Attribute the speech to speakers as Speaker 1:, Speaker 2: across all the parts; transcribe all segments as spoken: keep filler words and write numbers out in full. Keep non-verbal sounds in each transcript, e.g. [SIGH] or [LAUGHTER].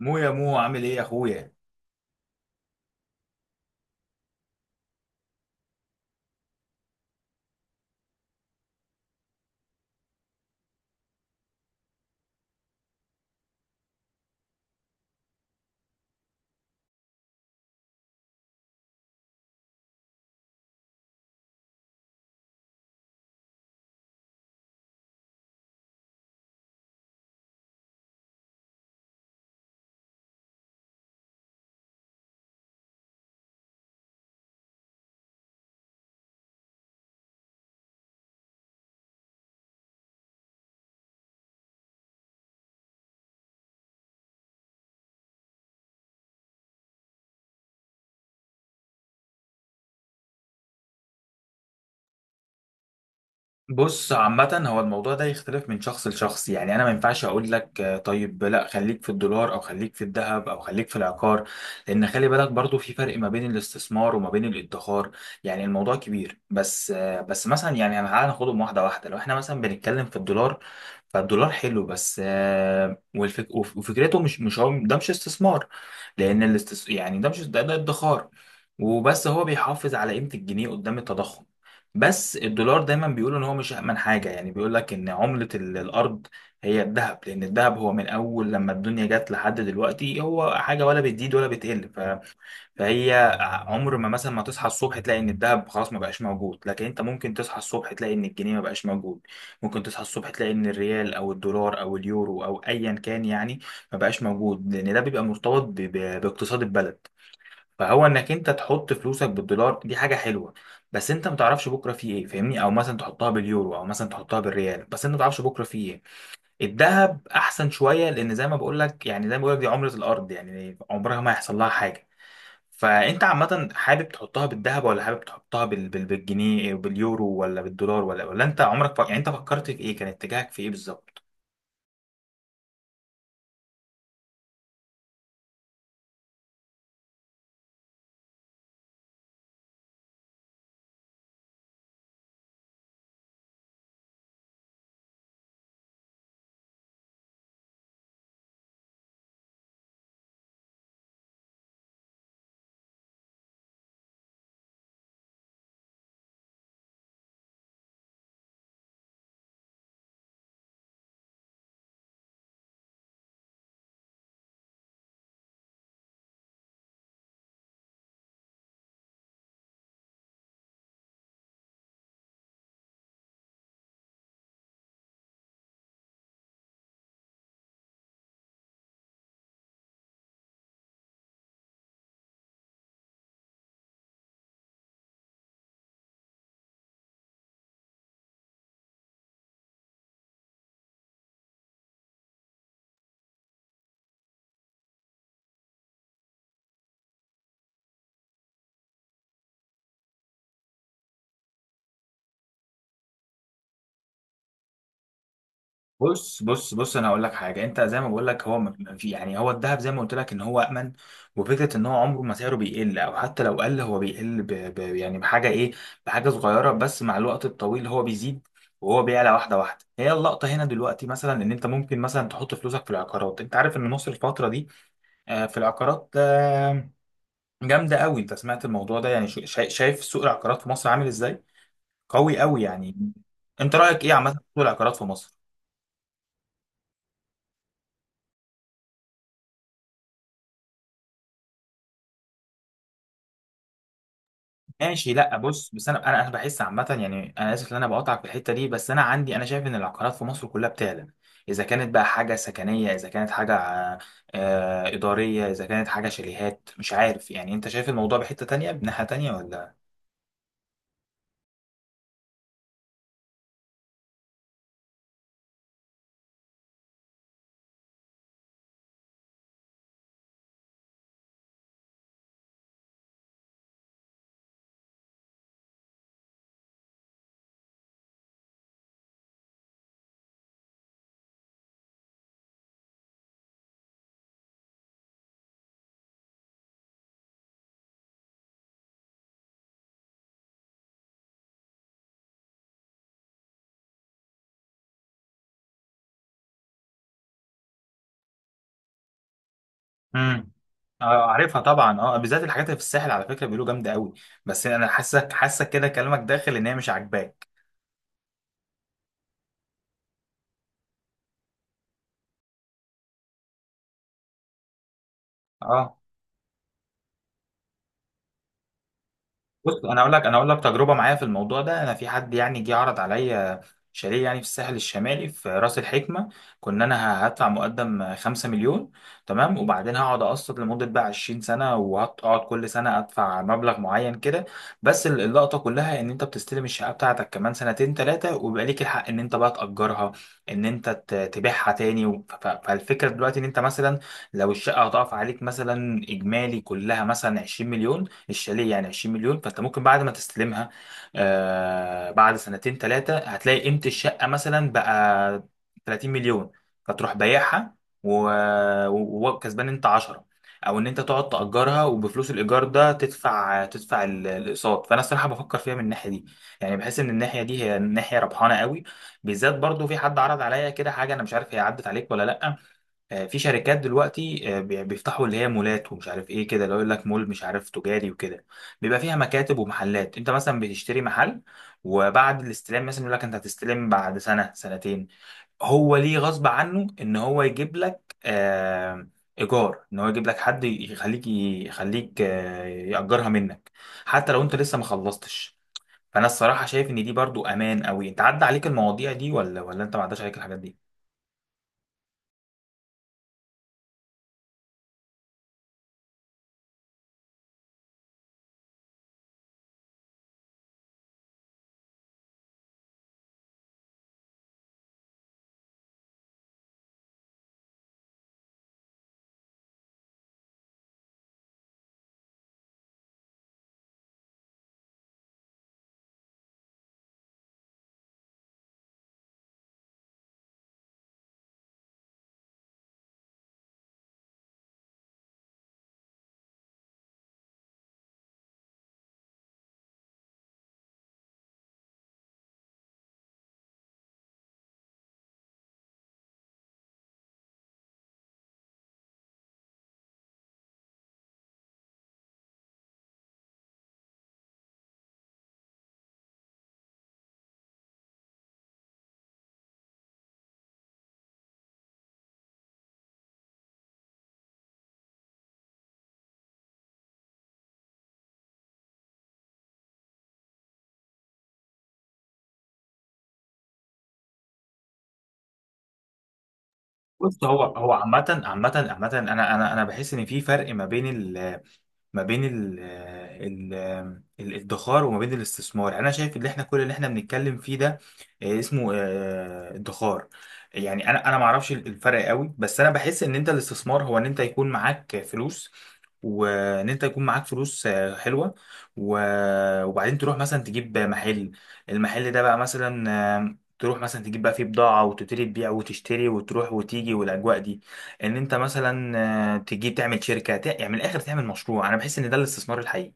Speaker 1: مو يا مو عامل ايه يا اخويا؟ بص، عامة هو الموضوع ده يختلف من شخص لشخص، يعني انا ما ينفعش اقول لك آه، طيب لا خليك في الدولار او خليك في الذهب او خليك في العقار. لان خلي بالك برضو في فرق ما بين الاستثمار وما بين الادخار. يعني الموضوع كبير، بس آه، بس مثلا يعني أنا تعالى ناخدهم واحدة واحدة. لو احنا مثلا بنتكلم في الدولار، فالدولار حلو، بس آه، والفك... وف- وفكرته مش مش هو ده مش استثمار. لان الاستث... يعني ده مش ده، ده ادخار. وبس هو بيحافظ على قيمة الجنيه قدام التضخم. بس الدولار دايما بيقولوا ان هو مش امن حاجه، يعني بيقول لك ان عمله ال- الارض هي الذهب، لان الذهب هو من اول لما الدنيا جت لحد دلوقتي هو حاجه ولا بتزيد ولا بتقل ف- فهي عمر ما مثلا ما تصحى الصبح تلاقي ان الذهب خلاص ما بقاش موجود، لكن انت ممكن تصحى الصبح تلاقي ان الجنيه ما بقاش موجود. ممكن تصحى الصبح تلاقي ان الريال او الدولار او اليورو او ايا كان يعني ما بقاش موجود، لان ده بيبقى مرتبط ب- ب- باقتصاد البلد. فهو انك انت تحط فلوسك بالدولار دي حاجه حلوه، بس انت ما تعرفش بكره فيه ايه، فاهمني؟ او مثلا تحطها باليورو او مثلا تحطها بالريال، بس انت ما تعرفش بكره فيه ايه. الذهب احسن شويه لان زي ما بقول لك، يعني زي ما بقول لك دي عمره الارض، يعني عمرها ما هيحصل لها حاجه. فانت عامه حابب تحطها بالذهب ولا حابب تحطها بال... بال... بالجنيه باليورو ولا بالدولار ولا ولا انت عمرك ف... يعني انت فكرت في ايه؟ كان اتجاهك في ايه بالظبط؟ بص بص بص انا هقول لك حاجه. انت زي ما بقول لك هو م- في يعني هو الذهب زي ما قلت لك ان هو امن، وفكره ان هو عمره ما سعره بيقل، او حتى لو قل هو بيقل ب ب يعني بحاجه ايه، بحاجه صغيره، بس مع الوقت الطويل هو بيزيد. وهو بيعلى واحده واحده. هي اللقطه هنا دلوقتي مثلا ان انت ممكن مثلا تحط فلوسك في العقارات. انت عارف ان مصر الفتره دي آه، في العقارات آه، جامده قوي. انت سمعت الموضوع ده، يعني شا- شا- شايف سوق العقارات في مصر عامل ازاي؟ قوي قوي يعني. انت رايك ايه عامه في سوق العقارات في مصر؟ ماشي، لا بص، بس انا انا أنا بحس عامه، يعني انا اسف ان انا بقاطعك في الحته دي، بس انا عندي انا شايف ان العقارات في مصر كلها بتعلى، اذا كانت بقى حاجه سكنيه، اذا كانت حاجه آه، آه، اداريه، اذا كانت حاجه شاليهات مش عارف. يعني انت شايف الموضوع بحته تانية بناحيه تانية ولا؟ امم. اه، عارفها طبعا، اه، بالذات الحاجات اللي في الساحل على فكره بيقولوا جامده قوي. بس انا حاسك حاسك كده كلامك داخل ان هي مش عاجباك. اه بص، انا اقول لك انا اقول لك تجربه معايا في الموضوع ده. انا في حد يعني جه عرض عليا شاليه، يعني في الساحل الشمالي في راس الحكمه. كنا انا هدفع مقدم خمسة مليون، تمام، وبعدين هقعد اقسط لمده بقى عشرين سنة سنه، وهقعد كل سنه ادفع مبلغ معين كده. بس ال- اللقطه كلها ان انت بتستلم الشقه بتاعتك كمان سنتين ثلاثه، وبيبقى ليك الحق ان انت بقى تاجرها، ان انت ت- تبيعها تاني و- ف- ف- فالفكره دلوقتي ان انت مثلا لو الشقه هتقف عليك مثلا اجمالي كلها مثلا 20 مليون، الشاليه يعني 20 مليون، فانت ممكن بعد ما تستلمها آه بعد سنتين ثلاثه هتلاقي قيمه الشقه مثلا بقى 30 مليون، فتروح بايعها و- و- وكسبان انت عشرة، او ان انت تقعد تاجرها وبفلوس الايجار ده تدفع تدفع ال- الاقساط. فانا الصراحه بفكر فيها من الناحيه دي، يعني بحس ان الناحيه دي هي ناحيه ربحانه قوي. بالذات برضو في حد عرض عليا كده حاجه، انا مش عارف هي عدت عليك ولا لا. آه، في شركات دلوقتي آه، بي- بيفتحوا اللي هي مولات ومش عارف ايه كده، لو يقول لك مول مش عارف تجاري وكده، بيبقى فيها مكاتب ومحلات. انت مثلا بتشتري محل، وبعد الاستلام مثلا يقول لك انت هتستلم بعد سنة سنتين، هو ليه غصب عنه ان هو يجيب لك آه، ايجار، ان هو يجيب لك حد يخليك يخليك آه، يأجرها منك حتى لو انت لسه ما خلصتش. فانا الصراحة شايف ان دي برضو امان قوي. انت عدى عليك المواضيع دي ولا ولا انت ما عداش عليك الحاجات دي؟ بص، هو هو عامة عامة عامة انا انا انا بحس ان في فرق ما بين ال- ما بين ال آه، ال آه، ال- الادخار وما بين الاستثمار. يعني انا شايف ان احنا كل اللي احنا بنتكلم فيه ده آه، اسمه آه، آه، ادخار. يعني انا انا ما اعرفش الفرق قوي، بس انا بحس ان انت الاستثمار هو ان انت يكون معاك فلوس، وان انت يكون معاك فلوس آه، حلوه، و- وبعدين تروح مثلا تجيب محل. المحل ده بقى مثلا آه، تروح مثلا تجيب بقى فيه بضاعة وتبتدي تبيع وتشتري وتروح وتيجي والأجواء دي. ان انت مثلا آه، تيجي تعمل شركه تع- يعني من الاخر تعمل مشروع. انا بحس ان ده الاستثمار الحقيقي،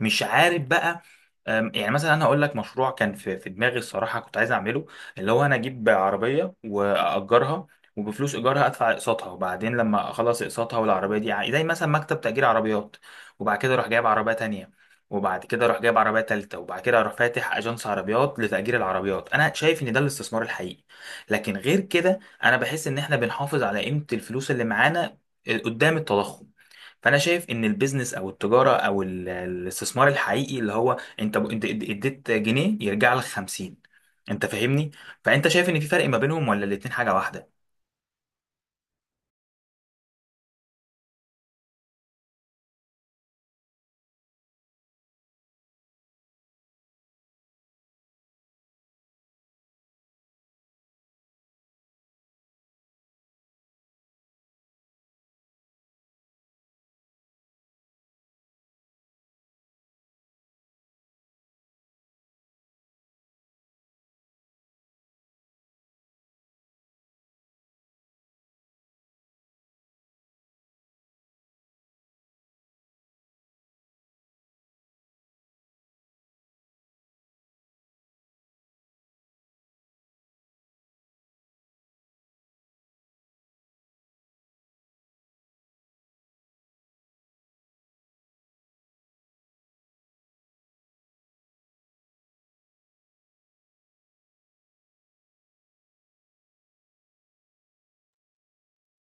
Speaker 1: مش عارف بقى. أم، يعني مثلا انا هقول لك مشروع كان في في دماغي الصراحه كنت عايز اعمله، اللي هو انا اجيب عربيه واجرها، وبفلوس ايجارها ادفع اقساطها، وبعدين لما اخلص اقساطها والعربيه دي ع- زي مثلا مكتب تاجير عربيات. وبعد كده اروح جايب عربيه تانية، وبعد كده اروح جايب عربيه تالتة، وبعد كده اروح فاتح اجنس عربيات لتاجير العربيات. انا شايف ان ده الاستثمار الحقيقي. لكن غير كده انا بحس ان احنا بنحافظ على قيمه الفلوس اللي معانا قدام التضخم. فانا شايف ان البيزنس او التجاره او ال- الاستثمار الحقيقي اللي هو انت ب- انت اد- اديت جنيه يرجع لك خمسين، انت فاهمني؟ فانت شايف ان في فرق ما بينهم ولا الاتنين حاجه واحده؟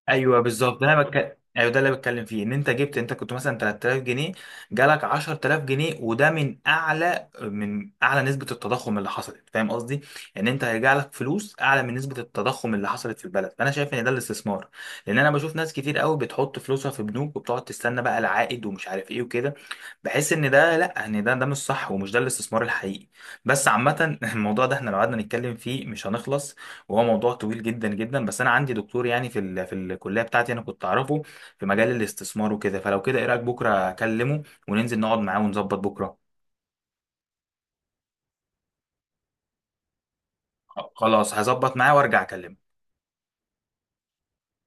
Speaker 1: ايوه بالظبط، ده انا بتكلم، ايوه ده اللي بتكلم فيه ان انت جبت انت كنت مثلا تلاتلاف جنيه، جالك عشرة آلاف جنيه، وده من اعلى من اعلى نسبه التضخم اللي حصلت، فاهم قصدي؟ ان انت هيرجع لك فلوس اعلى من نسبه التضخم اللي حصلت في البلد. فانا شايف ان ده الاستثمار، لان انا بشوف ناس كتير قوي بتحط فلوسها في بنوك وبتقعد تستنى بقى العائد ومش عارف ايه وكده. بحس ان ده لا، ان ده ده مش صح، ومش ده الاستثمار الحقيقي. بس عامه [LAUGHS] الموضوع ده احنا لو قعدنا نتكلم فيه مش هنخلص، وهو موضوع طويل جدا جدا. بس انا عندي دكتور يعني في ال... في الكليه بتاعتي انا كنت اعرفه في مجال الاستثمار وكده، فلو كده ايه رايك بكره اكلمه وننزل نقعد معاه ونظبط بكره؟ خلاص هظبط معاه وارجع اكلمه.